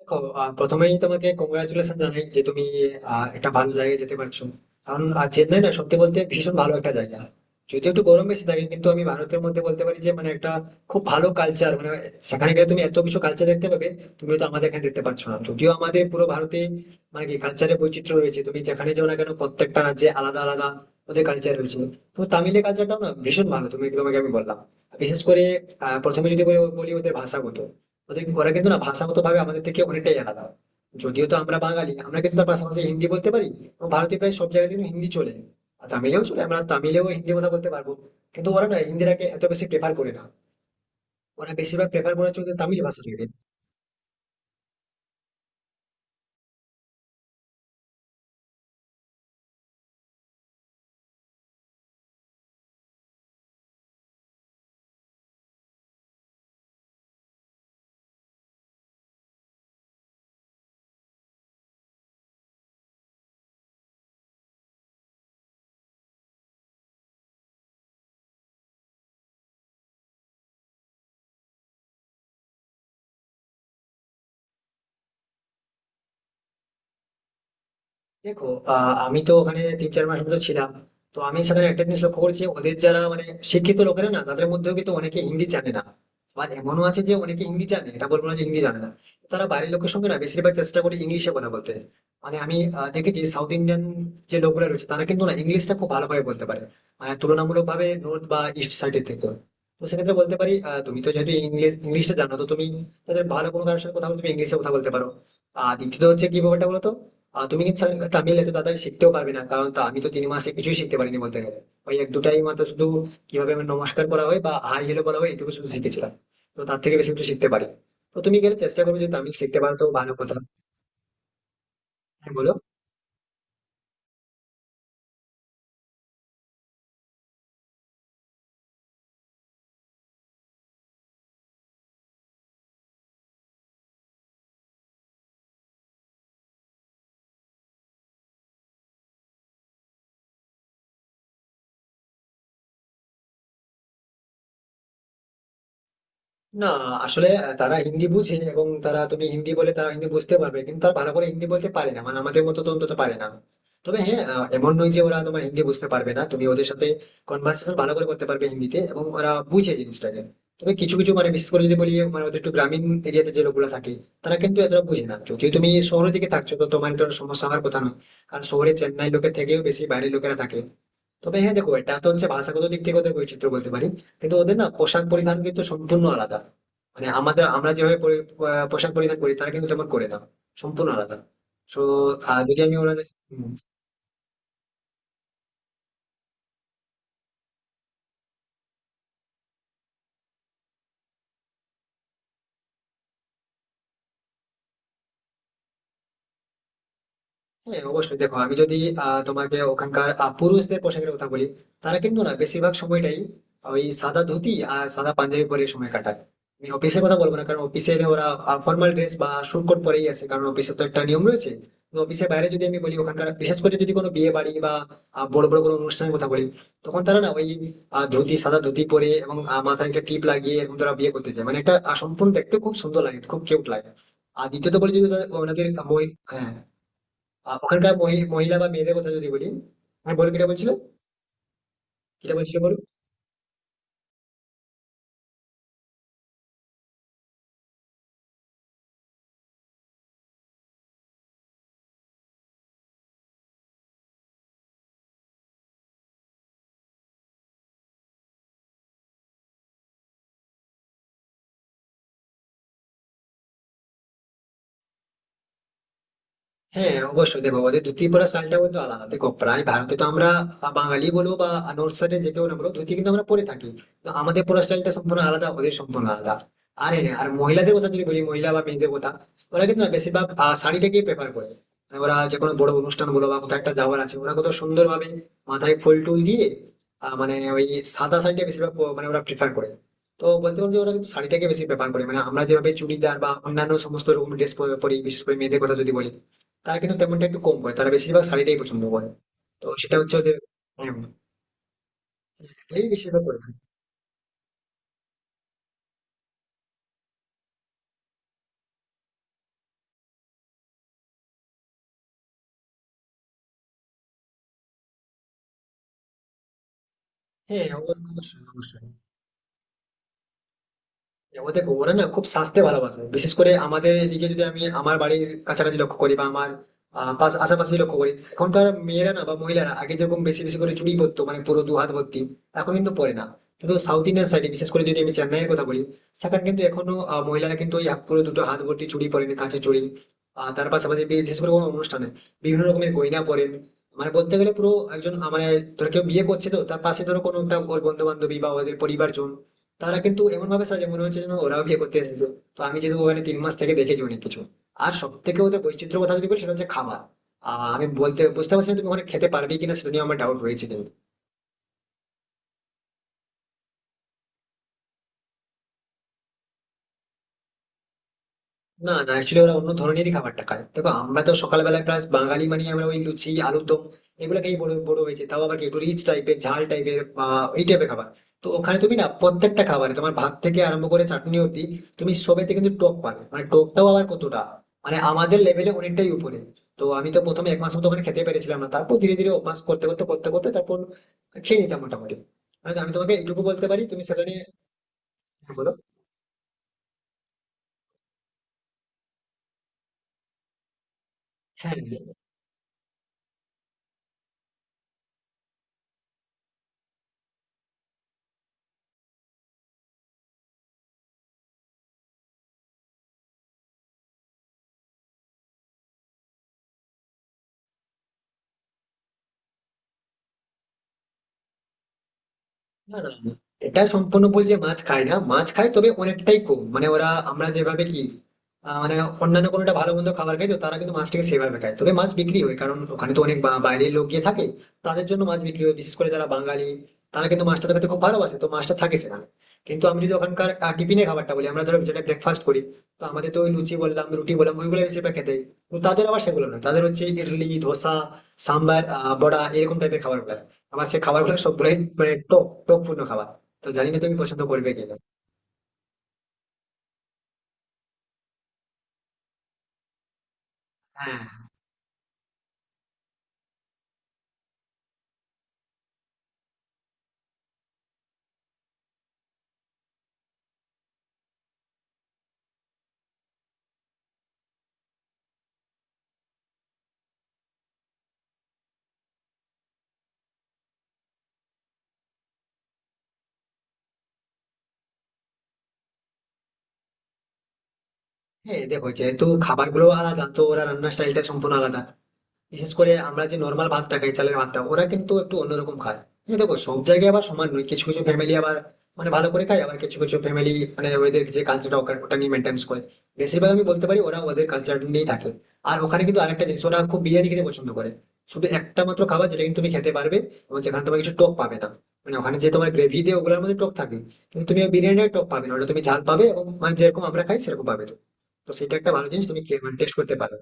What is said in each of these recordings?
দেখো। প্রথমেই তোমাকে কংগ্রাচুলেশন জানাই যে তুমি একটা ভালো জায়গায় যেতে পারছো। কারণ চেন্নাই না, সত্যি বলতে, ভীষণ ভালো একটা জায়গা। যদিও একটু গরম বেশি থাকে, কিন্তু আমি ভারতের মধ্যে বলতে পারি যে মানে একটা খুব ভালো কালচার, মানে সেখানে গেলে তুমি এত কিছু কালচার দেখতে পাবে। তুমি তো আমাদের এখানে দেখতে পাচ্ছ না, যদিও আমাদের পুরো ভারতে মানে কি কালচারের বৈচিত্র্য রয়েছে। তুমি যেখানে যাও না কেন, প্রত্যেকটা রাজ্যে আলাদা আলাদা ওদের কালচার রয়েছে। তো তামিলের কালচারটাও না ভীষণ ভালো। তোমাকে আমি বললাম, বিশেষ করে প্রথমে যদি বলি বলি ওদের ভাষাগত, ওরা কিন্তু না ভাষাগত ভাবে আমাদের থেকে অনেকটাই আলাদা। যদিও তো আমরা বাঙালি, আমরা কিন্তু তার পাশাপাশি হিন্দি বলতে পারি, এবং ভারতে প্রায় সব জায়গায় কিন্তু হিন্দি চলে, আর তামিলেও চলে। আমরা তামিলেও হিন্দি কথা বলতে পারবো, কিন্তু ওরা না হিন্দিটাকে এত বেশি প্রেফার করে না। ওরা বেশিরভাগ প্রেফার করে চলছে তামিল ভাষা থেকে। দেখো, আমি তো ওখানে 3-4 মাস মতো ছিলাম। তো আমি সেখানে একটা জিনিস লক্ষ্য করেছি, ওদের যারা মানে শিক্ষিত লোকেরা না, তাদের মধ্যেও কিন্তু অনেকে হিন্দি জানে না। আবার এমনও আছে যে অনেকে হিন্দি জানে, এটা বলবো না যে হিন্দি জানে না। তারা বাইরের লোকের সঙ্গে না বেশিরভাগ চেষ্টা করে ইংলিশে কথা বলতে। মানে আমি দেখেছি সাউথ ইন্ডিয়ান যে লোকগুলো রয়েছে, তারা কিন্তু না ইংলিশটা খুব ভালোভাবে বলতে পারে, মানে তুলনামূলক ভাবে নর্থ বা ইস্ট সাইডের থেকে। তো সেক্ষেত্রে বলতে পারি, তুমি তো যেহেতু ইংলিশটা জানো, তো তুমি তাদের ভালো কোনো কারোর সাথে কথা বলতে তুমি ইংলিশে কথা বলতে পারো। আর দ্বিতীয়ত হচ্ছে কি ব্যাপারটা বলতো, আর তুমি কিন্তু স্যার তামিল এত তাড়াতাড়ি শিখতেও পারবে না, কারণ আমি তো 3 মাসে কিছুই শিখতে পারিনি বলতে গেলে। ওই এক দুটাই মাত্র শুধু, কিভাবে আমার নমস্কার বলা হয় বা হাই হ্যালো বলা হয়, এটুকু শুধু শিখেছিলাম। তো তার থেকে বেশি কিছু শিখতে পারি। তো তুমি গেলে চেষ্টা করবে, যদি তামিল শিখতে পারো তো ভালো কথা। হ্যাঁ, বলো। না, আসলে তারা হিন্দি বুঝে, এবং তারা তুমি হিন্দি বলে তারা হিন্দি বুঝতে পারবে, কিন্তু তারা ভালো করে হিন্দি বলতে পারে না, মানে আমাদের মতো তো অন্তত পারে না। তবে হ্যাঁ, এমন নয় যে ওরা তোমার হিন্দি বুঝতে পারবে না। তুমি ওদের সাথে কনভার্সেশন ভালো করে করতে পারবে হিন্দিতে, এবং ওরা বুঝে জিনিসটাকে। তবে কিছু কিছু মানে, বিশেষ করে যদি বলি, মানে ওদের একটু গ্রামীণ এরিয়াতে যে লোকগুলো থাকে, তারা কিন্তু এতটা বুঝে না। যদিও তুমি শহরের দিকে থাকছো, তো তোমার তো সমস্যা হওয়ার কথা নয়, কারণ শহরে চেন্নাই লোকের থেকেও বেশি বাইরের লোকেরা থাকে। তবে হ্যাঁ, দেখো, এটা তো হচ্ছে ভাষাগত দিক থেকে ওদের বৈচিত্র্য বলতে পারি। কিন্তু ওদের না পোশাক পরিধান কিন্তু সম্পূর্ণ আলাদা। মানে আমাদের আমরা যেভাবে পোশাক পরিধান করি, তারা কিন্তু তেমন করে না। সম্পূর্ণ আলাদা। তো যদি আমি ওনাদের হ্যাঁ অবশ্যই। দেখো, আমি যদি তোমাকে ওখানকার পুরুষদের পোশাকের কথা বলি, তারা কিন্তু না বেশিরভাগ সময়টাই ওই সাদা ধুতি আর সাদা পাঞ্জাবি পরে সময় কাটায়। আমি অফিসের কথা বলবো না, কারণ অফিসে ওরা ফর্মাল ড্রেস বা স্যুট কোট পরেই আসে, কারণ অফিসে তো একটা নিয়ম রয়েছে। তো অফিসের বাইরে যদি আমি বলি ওখানকার, বিশেষ করে যদি কোনো বিয়ে বাড়ি বা বড় বড় কোনো অনুষ্ঠানের কথা বলি, তখন তারা না ওই ধুতি, সাদা ধুতি পরে, এবং মাথায় একটা টিপ লাগিয়ে এরকম তারা বিয়ে করতে চায়, মানে একটা সম্পূর্ণ দেখতে খুব সুন্দর লাগে, খুব কিউট লাগে। আর দ্বিতীয়ত বলি যদি ওনাদের ওই, হ্যাঁ, ওখানকার মহিলা বা মেয়েদের কথা যদি বলি। হ্যাঁ, বলো, কিটা বলছিলে। কিটা বলছিলে, বলো। হ্যাঁ অবশ্যই, দেখো ওদের ধুতি পরা স্টাইলটা কিন্তু আলাদা। দেখো প্রায় ভারতে তো আমরা বাঙালি বলো বা নর্থ সাইডে যে কেউ, না বলো ধুতি কিন্তু আমরা পরে থাকি। তো আমাদের পরা স্টাইলটা সম্পূর্ণ আলাদা, ওদের সম্পূর্ণ আলাদা। আর হ্যাঁ, আর মহিলাদের কথা যদি বলি, মহিলা বা মেয়েদের কথা, ওরা কিন্তু না বেশিরভাগ শাড়িটাকেই প্রেফার করে। মানে ওরা যে কোনো বড় অনুষ্ঠান বলো বা কোথাও একটা যাওয়ার আছে, ওরা কত সুন্দর ভাবে মাথায় ফুল টুল দিয়ে মানে ওই সাদা শাড়িটা বেশিরভাগ মানে ওরা প্রেফার করে। তো বলতে পারো যে ওরা কিন্তু শাড়িটাকে বেশি প্রেফার করে, মানে আমরা যেভাবে চুড়িদার বা অন্যান্য সমস্ত রকম ড্রেস পরি, বিশেষ করে মেয়েদের কথা যদি বলি, তারা কিন্তু তেমনটা একটু কম করে, তারা বেশিরভাগ শাড়িটাই পছন্দ করে। তো সেটা হচ্ছে ওদের। হ্যাঁ, এই বেশিরভাগ করে থাকে। হ্যাঁ অবশ্যই, অবশ্যই। ও দেখো, ওরা না খুব স্বাস্থ্যে ভালোবাসে, বিশেষ করে আমাদের এদিকে যদি আমি আমার বাড়ির কাছাকাছি লক্ষ্য করি বা আমার আশেপাশে লক্ষ্য করি, এখনকার মেয়েরা না বা মহিলারা আগে যেরকম বেশি বেশি করে চুড়ি পরতো মানে পুরো দু হাত ভর্তি, এখন কিন্তু পরে না। কিন্তু সাউথ ইন্ডিয়ান সাইডে, বিশেষ করে যদি আমি চেন্নাইয়ের কথা বলি, সেখানে কিন্তু এখনো মহিলারা কিন্তু ওই পুরো দুটো হাত ভর্তি চুড়ি পরেন, কাছে চুড়ি। আর তার পাশাপাশি বিশেষ করে কোনো অনুষ্ঠানে বিভিন্ন রকমের গয়না পরেন। মানে বলতে গেলে পুরো একজন মানে ধরো কেউ বিয়ে করছে, তো তার পাশে ধরো কোনো একটা ওর বন্ধু বান্ধবী বা ওদের পরিবারজন, তারা কিন্তু এমন ভাবে সাজে, মনে হচ্ছে যেন ওরাও বিয়ে করতে এসেছে। তো আমি যেহেতু ওখানে 3 মাস থেকে দেখেছি অনেক কিছু। আর সব থেকে ওদের বৈচিত্র্য কথা যদি বলি, সেটা হচ্ছে খাবার। আমি বুঝতে পারছি না তুমি ওখানে খেতে পারবে কিনা, সেটা নিয়ে আমার ডাউট রয়েছে, কিন্তু না, না, অ্যাকচুয়ালি ওরা অন্য ধরনেরই খাবারটা খায়। দেখো, আমরা তো সকালবেলায় প্রায় বাঙালি মানে আমরা ওই লুচি, আলুর দম, এগুলো খেয়ে বড় বড় হয়েছে, তাও আবার কি একটু রিচ টাইপের, ঝাল টাইপের বা এই টাইপের খাবার। তো ওখানে তুমি না প্রত্যেকটা খাবারে তোমার ভাত থেকে আরম্ভ করে চাটনি অব্দি, তুমি সবেতে কিন্তু টক পাবে, মানে টকটাও আবার কতটা, মানে আমাদের লেভেলে অনেকটাই উপরে। তো আমি তো প্রথমে 1 মাস মতো ওখানে খেতে পেরেছিলাম না, তারপর ধীরে ধীরে অভ্যাস করতে করতে তারপর খেয়ে নিতাম মোটামুটি। মানে আমি তোমাকে এইটুকু বলতে পারি তুমি সেখানে, বলো, হ্যাঁ। না, না, না, এটা সম্পূর্ণ ভুল যে মাছ খায় না। মাছ খায়, তবে অনেকটাই কম। মানে ওরা, আমরা যেভাবে কি মানে অন্যান্য কোনোটা ভালো মন্দ খাবার খাই, তো তারা কিন্তু মাছটাকে সেভাবে খায়, তবে মাছ বিক্রি হয়, কারণ ওখানে তো অনেক বাইরের লোক গিয়ে থাকে। তাদের জন্য মাছ বিক্রি হয়, বিশেষ করে যারা বাঙালি, তারা কিন্তু মাছটা খেতে খুব ভালোবাসে, তো মাছটা থাকে সেখানে। কিন্তু আমি যদি ওখানকার টিফিনে খাবারটা বলি, আমরা ধরো যেটা ব্রেকফাস্ট করি, তো আমাদের তো ওই লুচি বললাম, রুটি বললাম, ওইগুলো বেশিরভাগ খেতে হয়। তো তাদের আবার সেগুলো না, তাদের হচ্ছে ইডলি, ধোসা, সাম্বার, বড়া, এরকম টাইপের খাবার। আমার সে খাবারগুলো সবগুলোই মানে টক টক পূর্ণ খাবার। তো জানি না তুমি পছন্দ করবে কিনা। হ্যাঁ, হ্যাঁ, দেখো যেহেতু খাবারগুলো আলাদা, তো ওরা রান্নার স্টাইলটা সম্পূর্ণ আলাদা। বিশেষ করে আমরা যে নর্মাল ভাতটা খাই, চালের ভাতটা ওরা কিন্তু একটু অন্যরকম খায়। এই দেখো, সব জায়গায় আবার সমান নয়, কিছু কিছু ফ্যামিলি আবার মানে ভালো করে খায়, আবার কিছু কিছু ফ্যামিলি মানে ওদের যে কালচারটা, ওটা নিয়ে মেনটেন্স করে। বেশিরভাগ আমি বলতে পারি ওরা ওদের কালচার নিয়েই থাকে। আর ওখানে কিন্তু আরেকটা জিনিস, ওরা খুব বিরিয়ানি খেতে পছন্দ করে। শুধু একটা মাত্র খাবার যেটা কিন্তু তুমি খেতে পারবে, এবং যেখানে তোমার কিছু টক পাবে না। মানে ওখানে যে তোমার গ্রেভি দিয়ে ওগুলোর মধ্যে টক থাকে, কিন্তু তুমি ওই বিরিয়ানির টক পাবে না। ওটা তুমি ঝাল পাবে, এবং মানে যেরকম আমরা খাই সেরকম পাবে। তো তো সেটা একটা ভালো জিনিস, তুমি টেস্ট করতে পারো।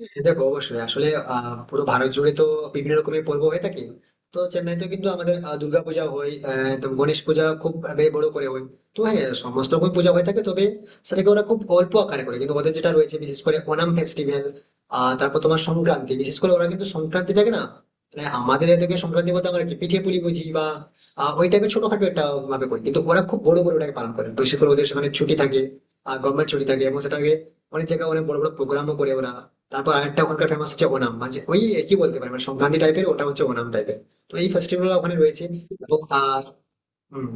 হ্যাঁ, দেখো অবশ্যই, আসলে পুরো ভারত জুড়ে তো বিভিন্ন রকমের পর্ব হয়ে থাকে। তো চেন্নাইতে কিন্তু আমাদের দুর্গাপূজা হয়, তো গণেশ পূজা খুব ভাবে বড় করে হয়। তো হ্যাঁ, সমস্ত রকম পূজা হয়ে থাকে, তবে সেটাকে ওরা খুব অল্প আকারে করে, কিন্তু ওদের যেটা রয়েছে, বিশেষ করে ওনাম ফেস্টিভ্যাল। তারপর তোমার সংক্রান্তি, বিশেষ করে ওরা কিন্তু সংক্রান্তিটাকে না, মানে আমাদের এদিকে সংক্রান্তি বলতে আমরা কি পিঠে পুলি বুঝি বা ওই টাইপের ছোটখাটো একটা ভাবে করি, কিন্তু ওরা খুব বড় বড় ওটাকে পালন করে, বিশেষ করে ওদের সেখানে ছুটি থাকে, গভর্নমেন্ট ছুটি থাকে, এবং সেটাকে অনেক জায়গায় অনেক বড় বড় প্রোগ্রামও করে ওরা। তারপর আরেকটা ওখানকার ফেমাস হচ্ছে ওনাম, মানে ওই কি বলতে পারে, মানে সংক্রান্তি টাইপের, ওটা হচ্ছে ওনাম টাইপের। তো এই ফেস্টিভ্যাল ওখানে রয়েছে এবং হম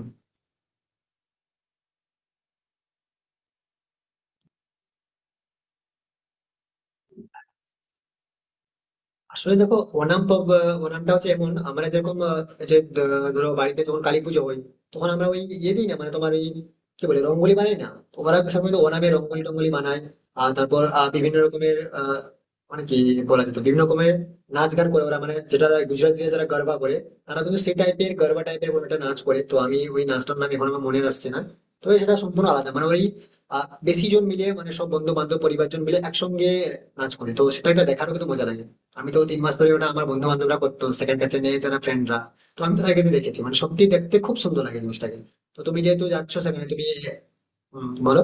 আসলে দেখো ওনাম পর্ব, ওনামটা হচ্ছে এমন, আমরা যেরকম যে ধরো বাড়িতে যখন কালী পুজো হয়, তখন আমরা ওই ইয়ে দিই না, মানে তোমার ওই কি বলে রঙ্গোলি বানাই না, তো ওরা সাধারণত ওনামে রঙ্গোলি টঙ্গলি বানায়। আর তারপর বিভিন্ন রকমের মানে কি বলা যেত, বিভিন্ন রকমের নাচ গান করে ওরা, মানে যেটা গুজরাটিরা যারা গরবা করে, তারা কিন্তু সেই টাইপের গরবা টাইপের কোনো একটা নাচ করে। তো আমি ওই নাচটার নাম এখন আমার মনে আসছে না, তবে সেটা সম্পূর্ণ আলাদা। মানে ওই বেশি জন মিলে, মানে সব বন্ধু বান্ধব পরিবারজন মিলে একসঙ্গে নাচ করে, তো সেটা একটা দেখারও কিন্তু মজা লাগে। আমি তো তিন মাস ধরে ওটা আমার বন্ধু বান্ধবরা করতো, সেকেন্ড কাছে নিয়ে যারা ফ্রেন্ডরা। তো আমি তো তাদেরকে দেখেছি, মানে সত্যি দেখতে খুব সুন্দর লাগে জিনিসটাকে। তো তুমি যেহেতু যাচ্ছ সেখানে, তুমি, বলো।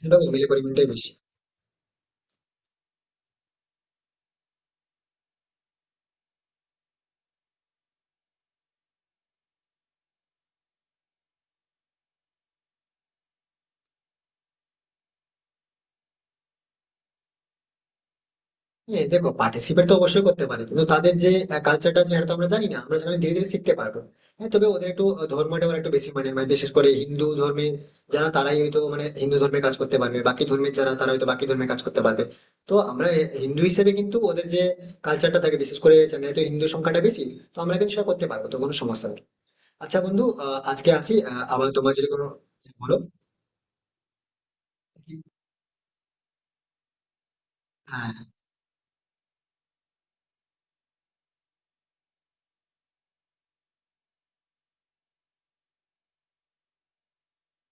সেটা মিলে পরিমাণটাই বেশি। হ্যাঁ দেখো, পার্টিসিপেট তো অবশ্যই করতে পারে, কিন্তু তাদের যে কালচারটা আছে, সেটা তো আমরা জানি না, আমরা সেখানে ধীরে ধীরে শিখতে পারবো। হ্যাঁ, তবে ওদের একটু ধর্মটা ওরা একটু বেশি মানে, বিশেষ করে হিন্দু ধর্মে যারা, তারাই হয়তো মানে হিন্দু ধর্মে কাজ করতে পারবে, বাকি ধর্মের যারা তারা হয়তো বাকি ধর্মে কাজ করতে পারবে। তো আমরা হিন্দু হিসেবে কিন্তু ওদের যে কালচারটা থাকে, বিশেষ করে চেন্নাই তো হিন্দু সংখ্যাটা বেশি, তো আমরা কিন্তু সেটা করতে পারবো, তো কোনো সমস্যা নেই। আচ্ছা বন্ধু, আজকে আসি, আবার তোমার যদি কোনো, বলো। হ্যাঁ,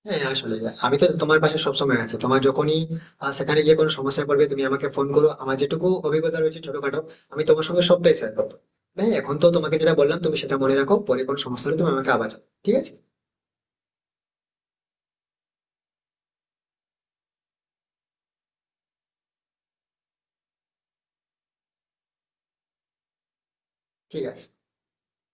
হ্যাঁ, হ্যাঁ, আসলে আমি তো তোমার পাশে সবসময় আছি। তোমার যখনই সেখানে গিয়ে কোনো সমস্যায় পড়বে, তুমি আমাকে ফোন করো, আমার যেটুকু অভিজ্ঞতা রয়েছে ছোটখাটো, আমি তোমার সঙ্গে সবটাই শেয়ার করবো। হ্যাঁ, এখন তো তোমাকে যেটা বললাম, তুমি সেটা মনে রাখো, পরে কোনো সমস্যা হলে তুমি আমাকে আবার জানাও। ঠিক আছে? ঠিক আছে।